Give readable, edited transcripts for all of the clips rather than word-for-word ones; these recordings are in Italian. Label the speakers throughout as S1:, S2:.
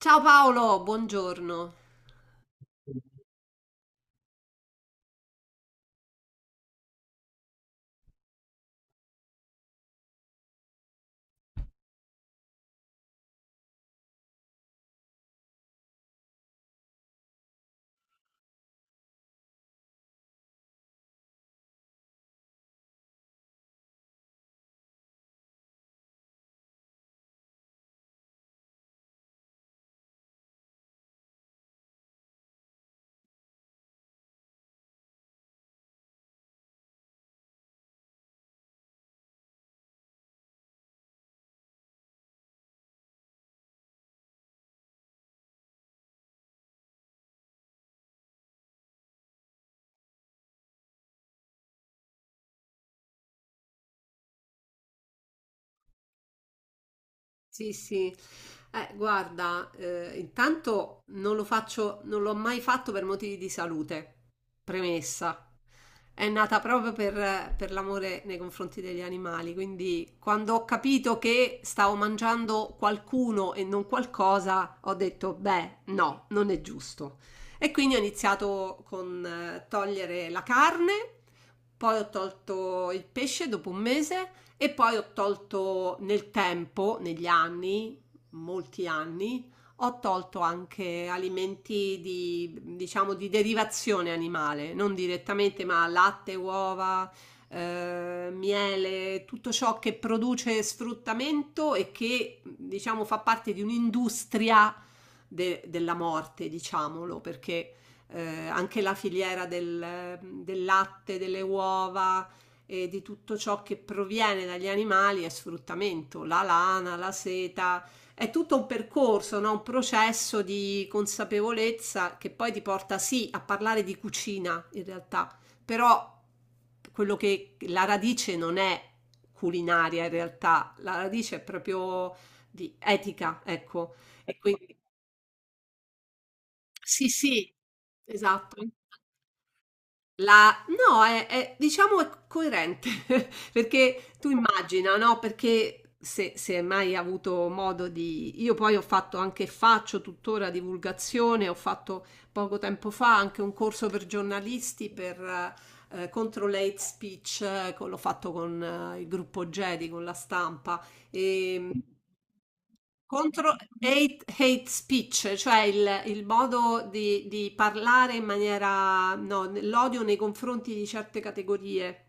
S1: Ciao Paolo, buongiorno. Sì, sì. Guarda, intanto non lo faccio, non l'ho mai fatto per motivi di salute. Premessa. È nata proprio per l'amore nei confronti degli animali, quindi quando ho capito che stavo mangiando qualcuno e non qualcosa, ho detto, beh, no, non è giusto. E quindi ho iniziato con togliere la carne, poi ho tolto il pesce dopo un mese. E poi ho tolto nel tempo, negli anni, molti anni, ho tolto anche alimenti di, diciamo, di derivazione animale, non direttamente, ma latte, uova, miele, tutto ciò che produce sfruttamento e che, diciamo, fa parte di un'industria della morte, diciamolo, perché anche la filiera del latte, delle uova e di tutto ciò che proviene dagli animali è sfruttamento, la lana, la seta, è tutto un percorso, no? Un processo di consapevolezza che poi ti porta sì a parlare di cucina in realtà, però quello che la radice non è culinaria in realtà, la radice è proprio di etica, ecco. E quindi sì, sì, esatto. La, no, è diciamo è coerente, perché tu immagina, no, perché se mai hai mai avuto modo di io poi ho fatto anche faccio tuttora divulgazione, ho fatto poco tempo fa anche un corso per giornalisti per contro l'hate speech, l'ho fatto con il gruppo Jedi, con la stampa, ehm, contro hate speech, cioè il modo di parlare in maniera, no, l'odio nei confronti di certe categorie,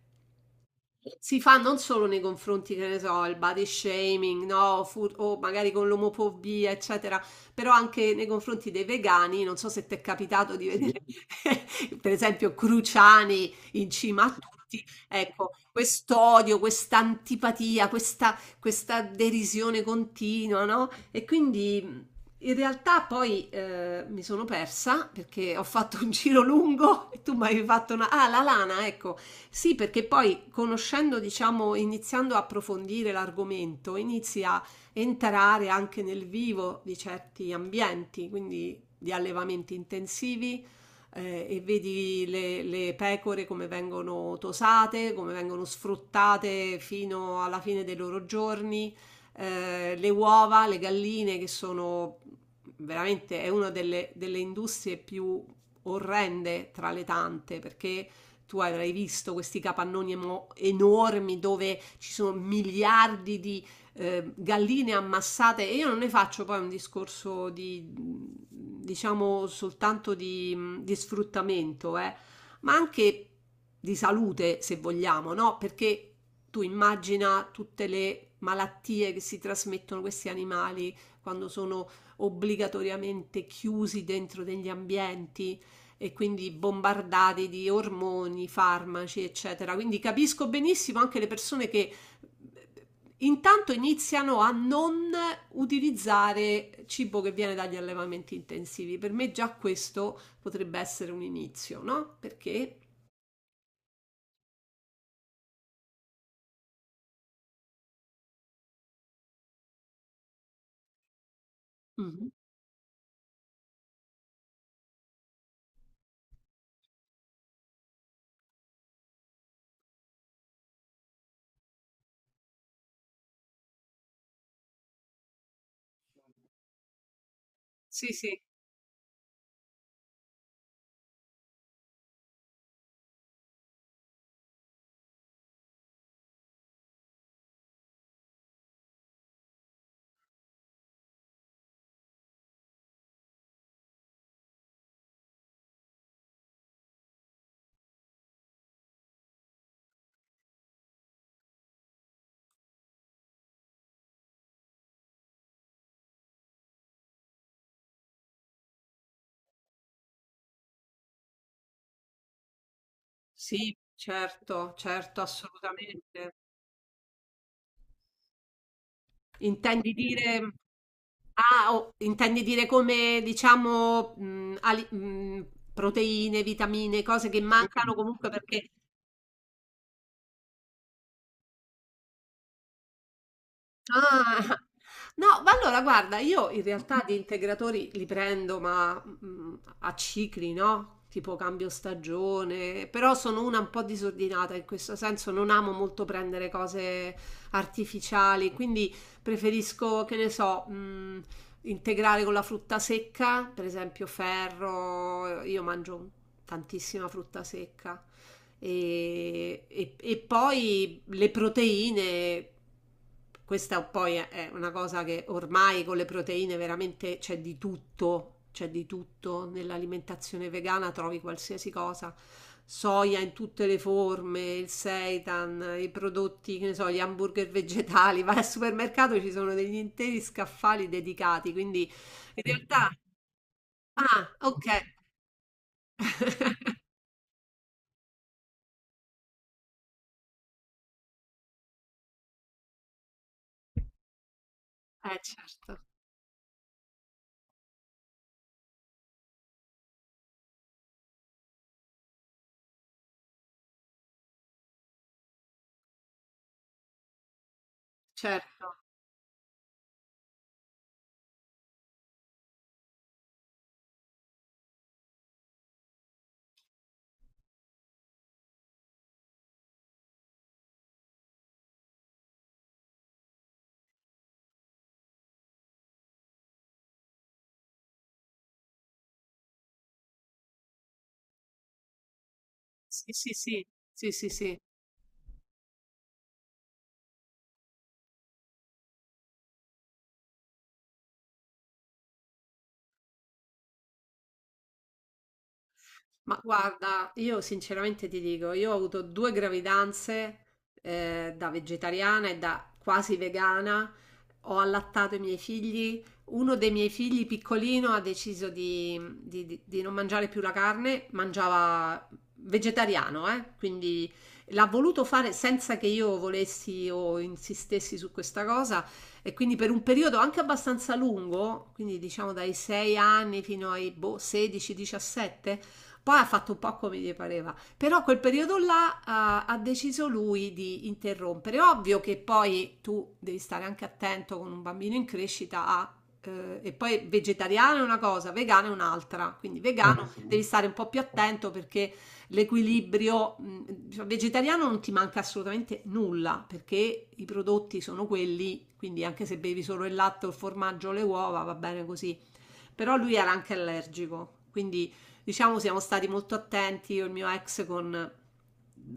S1: si fa non solo nei confronti, che ne so, il body shaming, no, o magari con l'omofobia, eccetera, però anche nei confronti dei vegani, non so se ti è capitato di vedere, per esempio, Cruciani in cima a tutti, ecco, quest'odio, questa antipatia, questa derisione continua, no? E quindi in realtà poi mi sono persa perché ho fatto un giro lungo e tu mi hai fatto una. Ah, la lana, ecco. Sì, perché poi conoscendo, diciamo, iniziando a approfondire l'argomento, inizi a entrare anche nel vivo di certi ambienti, quindi di allevamenti intensivi, e vedi le pecore come vengono tosate, come vengono sfruttate fino alla fine dei loro giorni, le uova, le galline che sono veramente è una delle industrie più orrende tra le tante, perché tu avrai visto questi capannoni enormi dove ci sono miliardi di galline ammassate, e io non ne faccio poi un discorso di diciamo soltanto di sfruttamento, ma anche di salute, se vogliamo, no? Perché tu immagina tutte le malattie che si trasmettono questi animali quando sono obbligatoriamente chiusi dentro degli ambienti e quindi bombardati di ormoni, farmaci, eccetera. Quindi capisco benissimo anche le persone che intanto iniziano a non utilizzare cibo che viene dagli allevamenti intensivi. Per me già questo potrebbe essere un inizio, no? Perché? Mhm. Sì, sì, sì, certo, certo, assolutamente. Intendi dire. Ah, oh, intendi dire come, diciamo, proteine, vitamine, cose che mancano comunque, perché. Ah! No, ma allora guarda, io in realtà di integratori li prendo, ma, a cicli, no? Tipo cambio stagione, però sono una un po' disordinata in questo senso, non amo molto prendere cose artificiali, quindi preferisco, che ne so, integrare con la frutta secca, per esempio ferro, io mangio tantissima frutta secca. E poi le proteine, questa poi è una cosa che ormai con le proteine veramente c'è di tutto nell'alimentazione vegana, trovi qualsiasi cosa. Soia in tutte le forme, il seitan, i prodotti, che ne so, gli hamburger vegetali. Vai al supermercato, ci sono degli interi scaffali dedicati, quindi in realtà. Ah, ok. Certo, certo. Sì, sì, sì, sì, sì, sì. Ma guarda, io sinceramente ti dico, io ho avuto due gravidanze, da vegetariana e da quasi vegana, ho allattato i miei figli, uno dei miei figli piccolino ha deciso di non mangiare più la carne, mangiava vegetariano, eh? Quindi l'ha voluto fare senza che io volessi o insistessi su questa cosa e quindi per un periodo anche abbastanza lungo, quindi diciamo dai 6 anni fino ai boh, 16-17, poi ha fatto un po' come gli pareva, però quel periodo là, ha deciso lui di interrompere. Ovvio che poi tu devi stare anche attento con un bambino in crescita a, e poi vegetariano è una cosa, vegano è un'altra, quindi vegano devi stare un po' più attento perché l'equilibrio, diciamo, vegetariano non ti manca assolutamente nulla perché i prodotti sono quelli, quindi anche se bevi solo il latte, il formaggio, le uova, va bene così. Però lui era anche allergico, quindi diciamo siamo stati molto attenti, io e il mio ex, con,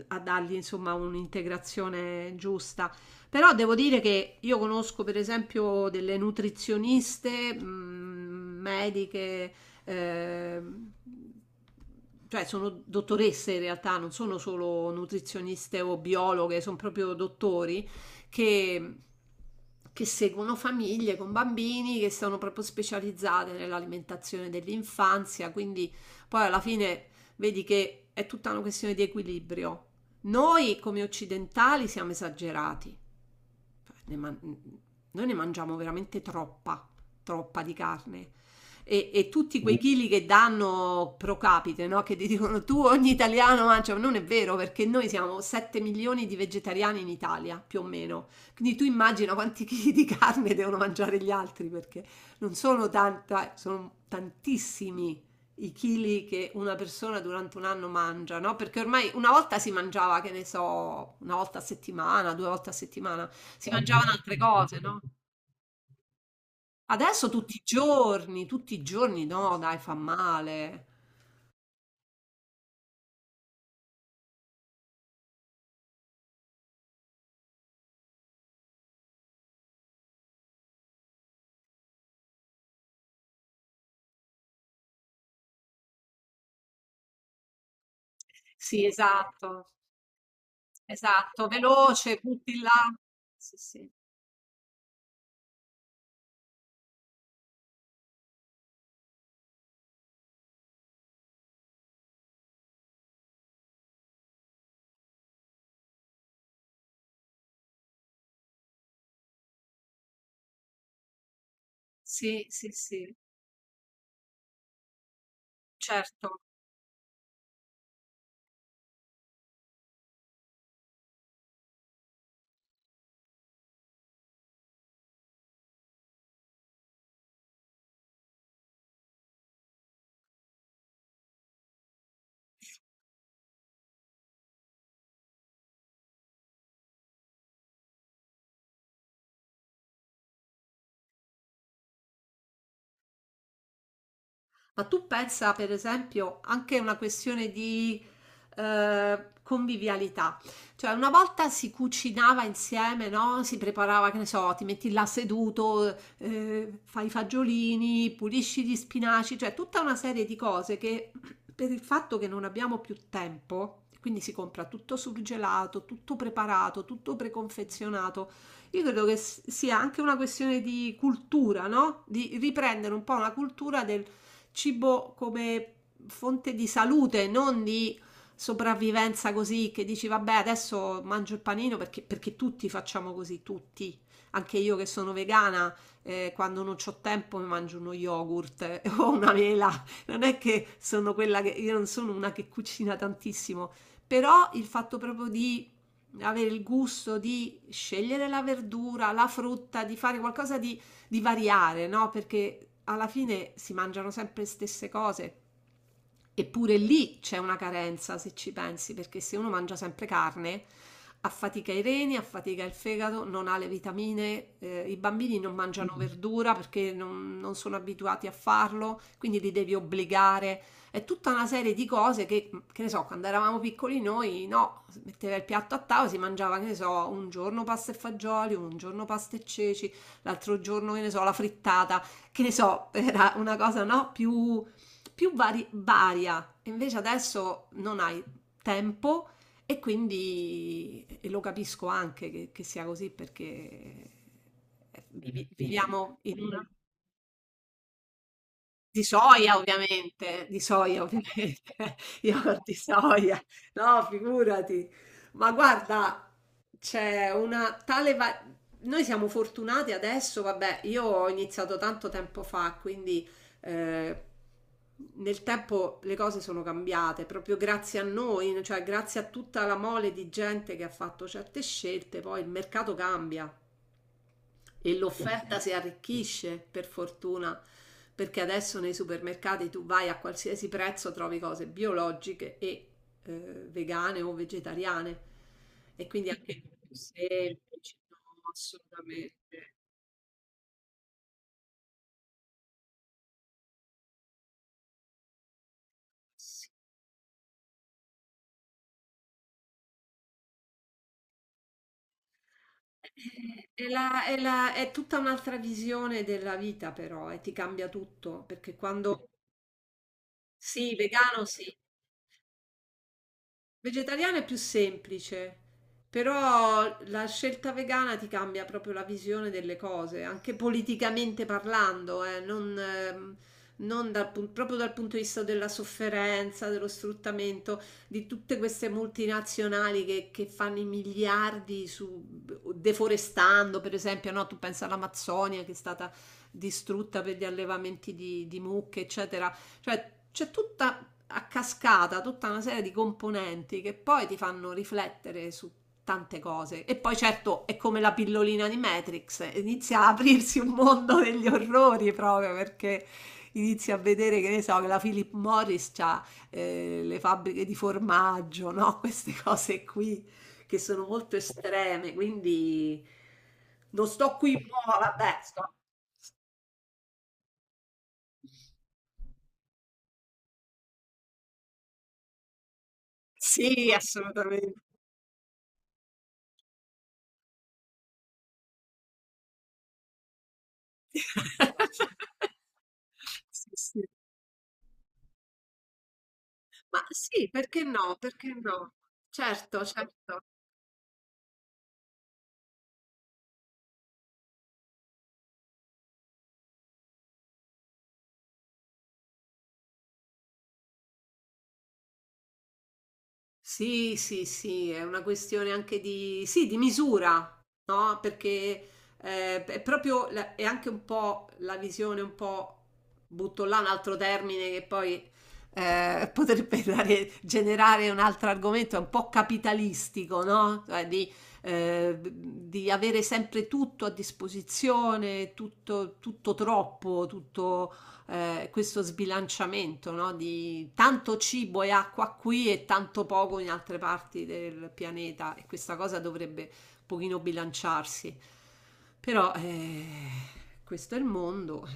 S1: a dargli insomma un'integrazione giusta. Però devo dire che io conosco per esempio delle nutrizioniste, mediche, eh, cioè sono dottoresse in realtà, non sono solo nutrizioniste o biologhe, sono proprio dottori che, che seguono famiglie con bambini che sono proprio specializzate nell'alimentazione dell'infanzia, quindi poi alla fine vedi che è tutta una questione di equilibrio. Noi come occidentali siamo esagerati, ne man- noi ne mangiamo veramente troppa, troppa di carne. E tutti quei chili che danno pro capite, no? Che ti dicono tu ogni italiano mangia, non è vero perché noi siamo 7 milioni di vegetariani in Italia, più o meno. Quindi tu immagina quanti chili di carne devono mangiare gli altri, perché non sono tanta, sono tantissimi i chili che una persona durante un anno mangia, no? Perché ormai una volta si mangiava, che ne so, una volta a settimana, due volte a settimana si mangiavano altre cose, no? Adesso tutti i giorni, no, dai, fa male. Sì, esatto, esatto, veloce, butti là. Sì, sì, sì, sì, sì, certo. Ma tu pensa, per esempio, anche una questione di convivialità. Cioè, una volta si cucinava insieme, no? Si preparava, che ne so, ti metti là seduto, fai i fagiolini, pulisci gli spinaci, cioè tutta una serie di cose che per il fatto che non abbiamo più tempo, quindi si compra tutto surgelato, tutto preparato, tutto preconfezionato. Io credo che sia anche una questione di cultura, no? Di riprendere un po' una cultura del cibo come fonte di salute, non di sopravvivenza, così che dici vabbè adesso mangio il panino perché, tutti facciamo così, tutti. Anche io che sono vegana, quando non ho tempo mi mangio uno yogurt o una mela. Non è che sono quella che. Io non sono una che cucina tantissimo, però il fatto proprio di avere il gusto di scegliere la verdura, la frutta, di fare qualcosa di variare, no? Perché alla fine si mangiano sempre le stesse cose. Eppure lì c'è una carenza, se ci pensi, perché se uno mangia sempre carne, affatica i reni, affatica il fegato, non ha le vitamine, i bambini non mangiano verdura perché non sono abituati a farlo, quindi li devi obbligare. È tutta una serie di cose che, che ne so, quando eravamo piccoli noi, no, si metteva il piatto a tavola, si mangiava, che ne so, un giorno pasta e fagioli, un giorno pasta e ceci, l'altro giorno, che ne so, la frittata, che ne so, era una cosa, no, più varia. Invece adesso non hai tempo e quindi e lo capisco anche che, sia così, perché viviamo in una. Di soia ovviamente, yogurt di soia, no figurati. Ma guarda, c'è una tale. Noi siamo fortunati adesso, vabbè, io ho iniziato tanto tempo fa, quindi eh, nel tempo le cose sono cambiate, proprio grazie a noi, cioè grazie a tutta la mole di gente che ha fatto certe scelte, poi il mercato cambia e l'offerta si arricchisce per fortuna, perché adesso nei supermercati tu vai a qualsiasi prezzo trovi cose biologiche e eh, vegane o vegetariane e quindi anche più semplici. No, assolutamente. Sì. È tutta un'altra visione della vita, però, e ti cambia tutto perché quando sì, vegano sì. Vegetariana è più semplice, però la scelta vegana ti cambia proprio la visione delle cose, anche politicamente parlando, non, non dal proprio dal punto di vista della sofferenza, dello sfruttamento, di tutte queste multinazionali che fanno i miliardi su, deforestando, per esempio, no? Tu pensa all'Amazzonia che è stata distrutta per gli allevamenti di mucche, eccetera. Cioè, c'è tutta a cascata tutta una serie di componenti che poi ti fanno riflettere su tante cose. E poi certo è come la pillolina di Matrix, inizia a aprirsi un mondo degli orrori, proprio perché inizi a vedere che ne so che la Philip Morris ha le fabbriche di formaggio, no? Queste cose qui che sono molto estreme, quindi non sto qui, no, vabbè, sto. Sì, assolutamente. Sì, sì. Ma sì, perché no, perché no. Certo, certo. Sì, sì, sì, è una questione anche di, sì, di misura, no? Perché è proprio, è anche un po' la visione, un po', butto là un altro termine che poi potrebbe generare un altro argomento, è un po' capitalistico, no? Cioè di avere sempre tutto a disposizione, tutto, tutto troppo, questo sbilanciamento, no? Di tanto cibo e acqua qui e tanto poco in altre parti del pianeta, e questa cosa dovrebbe un pochino bilanciarsi. Però questo è il mondo.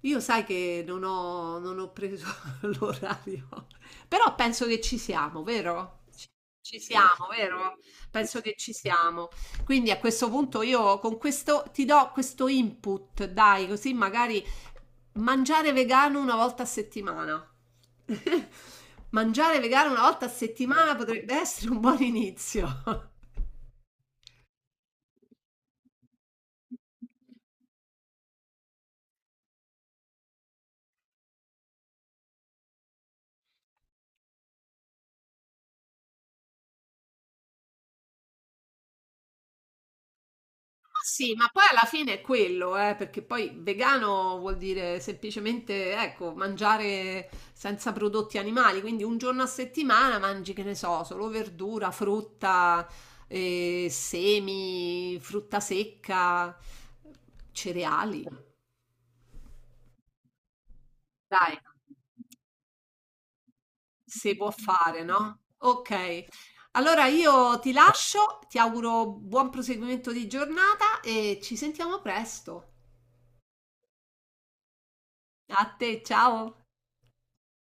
S1: Io sai che non ho preso l'orario, però penso che ci siamo, vero? Ci siamo, vero? Penso che ci siamo. Quindi a questo punto io con questo ti do questo input, dai, così magari mangiare vegano una volta a settimana. Mangiare vegano una volta a settimana potrebbe essere un buon inizio. Ma sì, ma poi alla fine è quello, perché poi vegano vuol dire semplicemente, ecco, mangiare senza prodotti animali, quindi un giorno a settimana mangi, che ne so, solo verdura, frutta, semi, frutta secca, cereali. Dai, se può fare, no? Ok, allora io ti lascio, ti auguro buon proseguimento di giornata e ci sentiamo presto. A te, ciao!